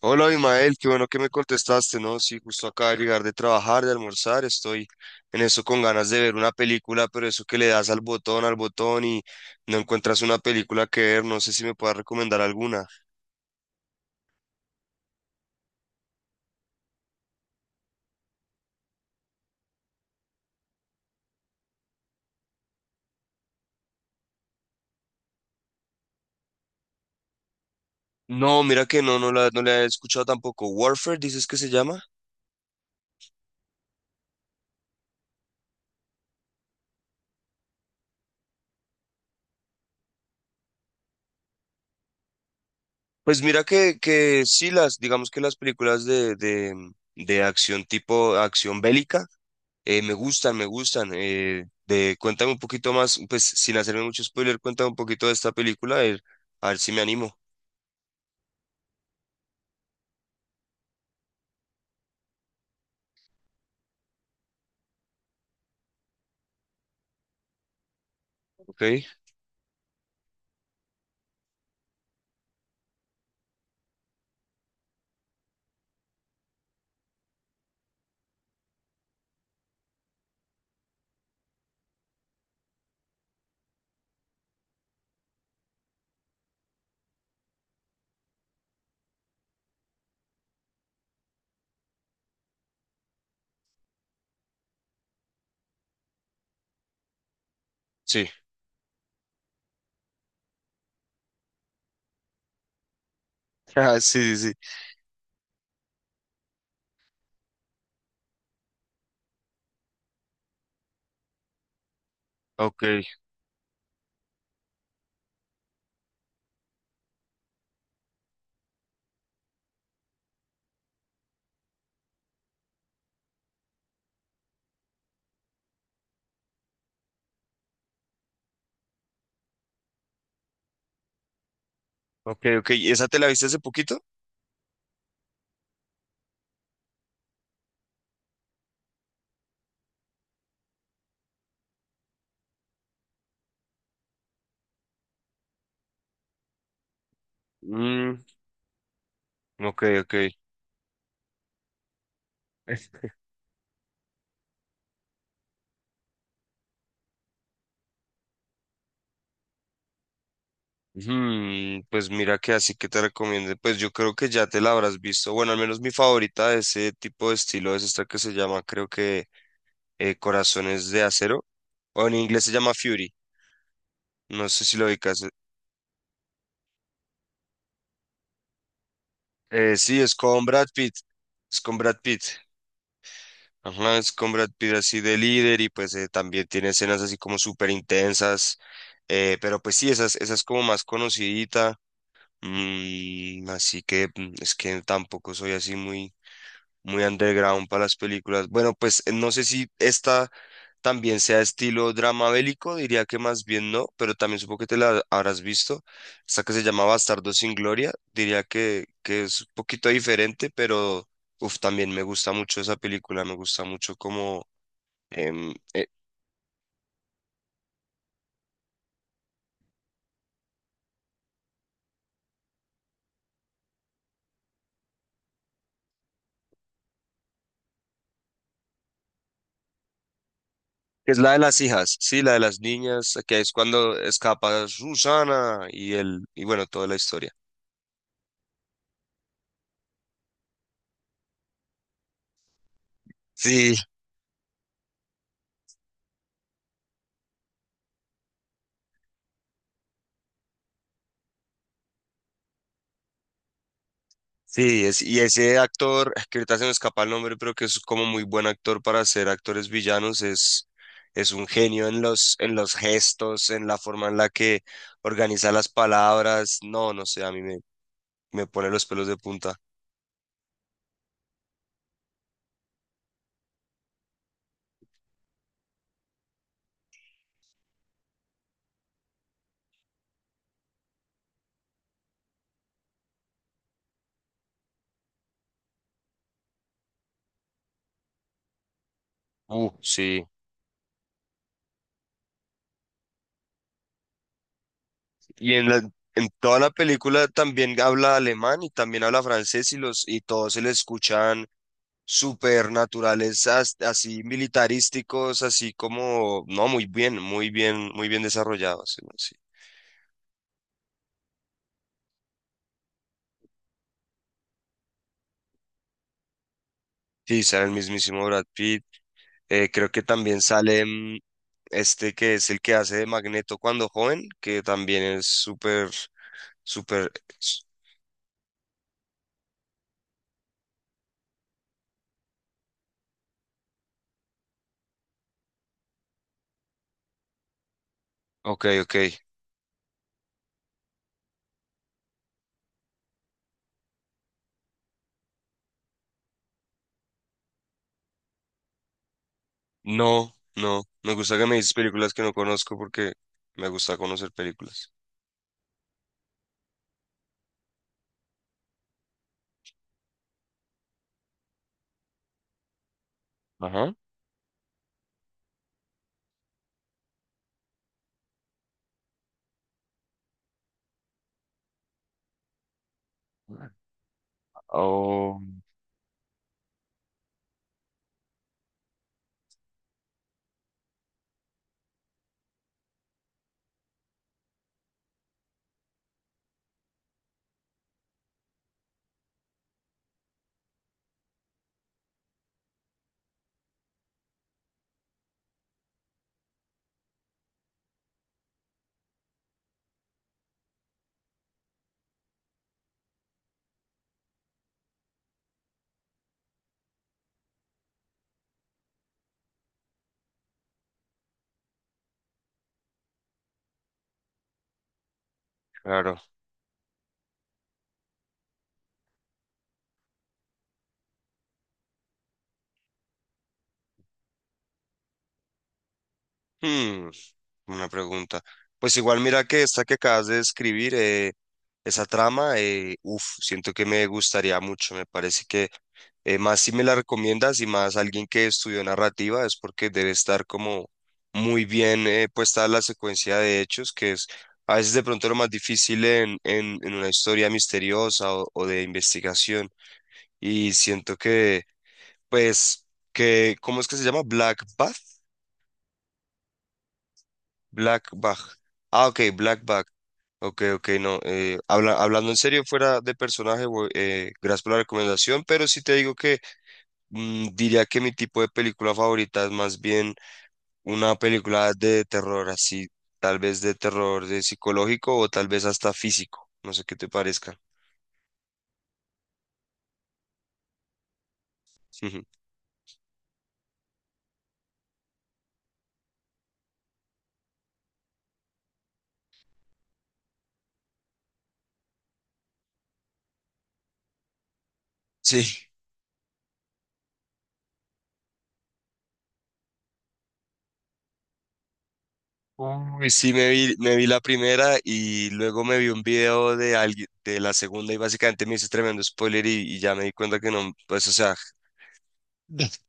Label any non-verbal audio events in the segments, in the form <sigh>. Hola, Imael, qué bueno que me contestaste, ¿no? Sí, justo acaba de llegar de trabajar, de almorzar, estoy en eso con ganas de ver una película, pero eso que le das al botón y no encuentras una película que ver, no sé si me puedas recomendar alguna. No, mira que no, no la he escuchado tampoco. Warfare, dices que se llama. Pues mira que sí, las, digamos que las películas de acción tipo acción bélica. Me gustan, me gustan. Cuéntame un poquito más, pues sin hacerme mucho spoiler, cuéntame un poquito de esta película, a ver si me animo. ¿Ok? Sí. <laughs> Ah, sí, sí, sí. Ok, ok, ok. ¿Y esa te la viste hace poquito? Mm, ok, ok. Pues mira que así que te recomiendo. Pues yo creo que ya te la habrás visto. Bueno, al menos mi favorita de ese tipo de estilo es esta que se llama, creo que Corazones de Acero. O en inglés se llama Fury. No sé si lo ubicas. Sí, es con Brad Pitt. Es con Brad Pitt. Ajá, es con Brad Pitt así de líder y pues también tiene escenas así como súper intensas. Pero pues sí, esas, esas como más conocidita. Así que es que tampoco soy así muy underground para las películas. Bueno, pues no sé si esta también sea estilo drama bélico, diría que más bien no, pero también supongo que te la habrás visto. Esta que se llama Bastardo sin Gloria, diría que es un poquito diferente, pero uf, también me gusta mucho esa película, me gusta mucho como... em, eh, es la de las hijas, sí, la de las niñas, que es cuando escapa Susana y el, y bueno, toda la historia. Sí, sí, es, y ese actor, es que ahorita se me escapa el nombre, pero que es como muy buen actor para ser actores villanos, es un genio en los gestos, en la forma en la que organiza las palabras. No, no sé, me pone los pelos de punta. Sí. Y en la, en toda la película también habla alemán y también habla francés y los, y todos se le escuchan súper naturales, así militarísticos, así como, no, muy bien, muy bien, muy bien desarrollados. Sí. Sí. Sí, sale el mismísimo Brad Pitt. Creo que también sale este que es el que hace de Magneto cuando joven, que también es súper, súper... s- Ok, ok. No, no. Me gusta que me dices películas que no conozco porque me gusta conocer películas. Ajá. Oh, claro. Hmm, una pregunta. Pues igual mira que esta que acabas de describir, esa trama, uf, siento que me gustaría mucho. Me parece que más si me la recomiendas y más alguien que estudió narrativa es porque debe estar como muy bien puesta la secuencia de hechos, que es a veces de pronto lo más difícil en una historia misteriosa o de investigación. Y siento que, pues, que, ¿cómo es que se llama? Black Bath. Black Bag. Ah, ok, Black Bag. Ok, ok, no. Hablando en serio, fuera de personaje, gracias por la recomendación, pero sí te digo que... Diría que mi tipo de película favorita es más bien una película de terror, así, tal vez de terror de psicológico o tal vez hasta físico. No sé qué te parezca. <laughs> Sí. Uy, sí, me vi la primera y luego me vi un video de alguien de la segunda y básicamente me hice tremendo spoiler y ya me di cuenta que no, pues, o sea,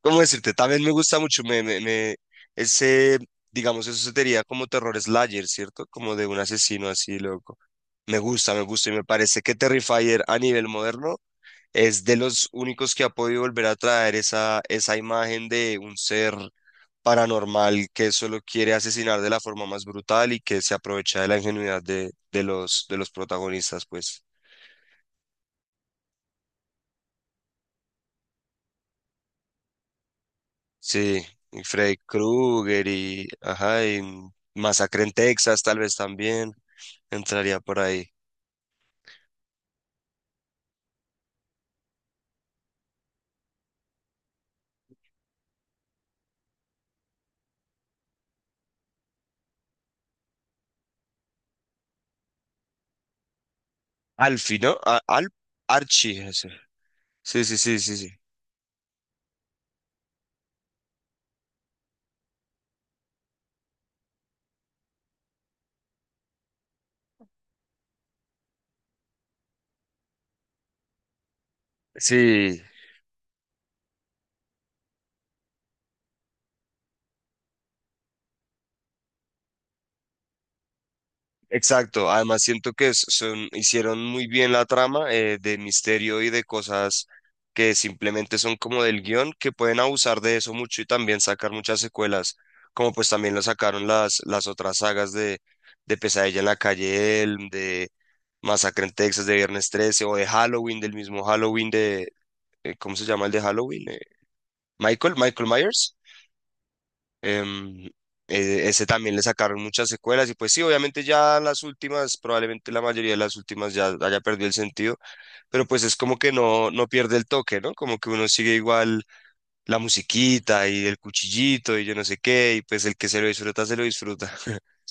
¿cómo decirte? También me gusta mucho, me- ese, digamos, eso sería como terror slayer, ¿cierto? Como de un asesino así loco. Me gusta y me parece que Terrifier a nivel moderno es de los únicos que ha podido volver a traer esa, esa imagen de un ser paranormal que solo quiere asesinar de la forma más brutal y que se aprovecha de la ingenuidad de los protagonistas, pues. Sí, y Freddy Krueger y, ajá, y Masacre en Texas tal vez también entraría por ahí. Alfie, ¿no? Al Archie, ese. Sí, sí, sí, sí, sí. Sí, exacto, además siento que son, hicieron muy bien la trama de misterio y de cosas que simplemente son como del guión, que pueden abusar de eso mucho y también sacar muchas secuelas, como pues también lo sacaron las otras sagas de Pesadilla en la calle Elm, de Masacre en Texas, de Viernes 13 o de Halloween, del mismo Halloween de, ¿cómo se llama el de Halloween? Michael Myers. Em, Ese también le sacaron muchas secuelas y pues sí, obviamente ya las últimas, probablemente la mayoría de las últimas ya haya perdido el sentido, pero pues es como que no, no pierde el toque, ¿no? Como que uno sigue igual la musiquita y el cuchillito y yo no sé qué, y pues el que se lo disfruta, se lo disfruta. <laughs>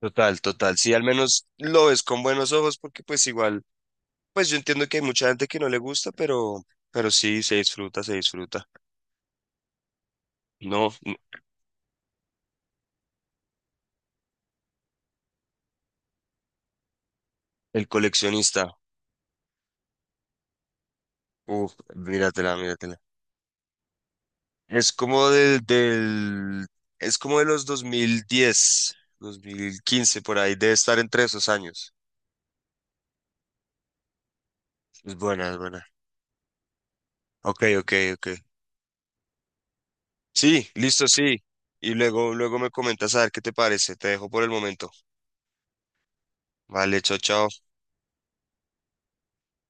Total, total. Sí, al menos lo ves con buenos ojos porque pues igual, pues yo entiendo que hay mucha gente que no le gusta, pero sí, se disfruta, se disfruta. No, el coleccionista. Uf, míratela, míratela. Es como del, es como de los 2010, 2015 por ahí, debe estar entre esos años. Es buena, es buena. Ok, ok, ok. Sí, listo, sí. Y luego, luego me comentas a ver qué te parece. Te dejo por el momento. Vale, chao, chao.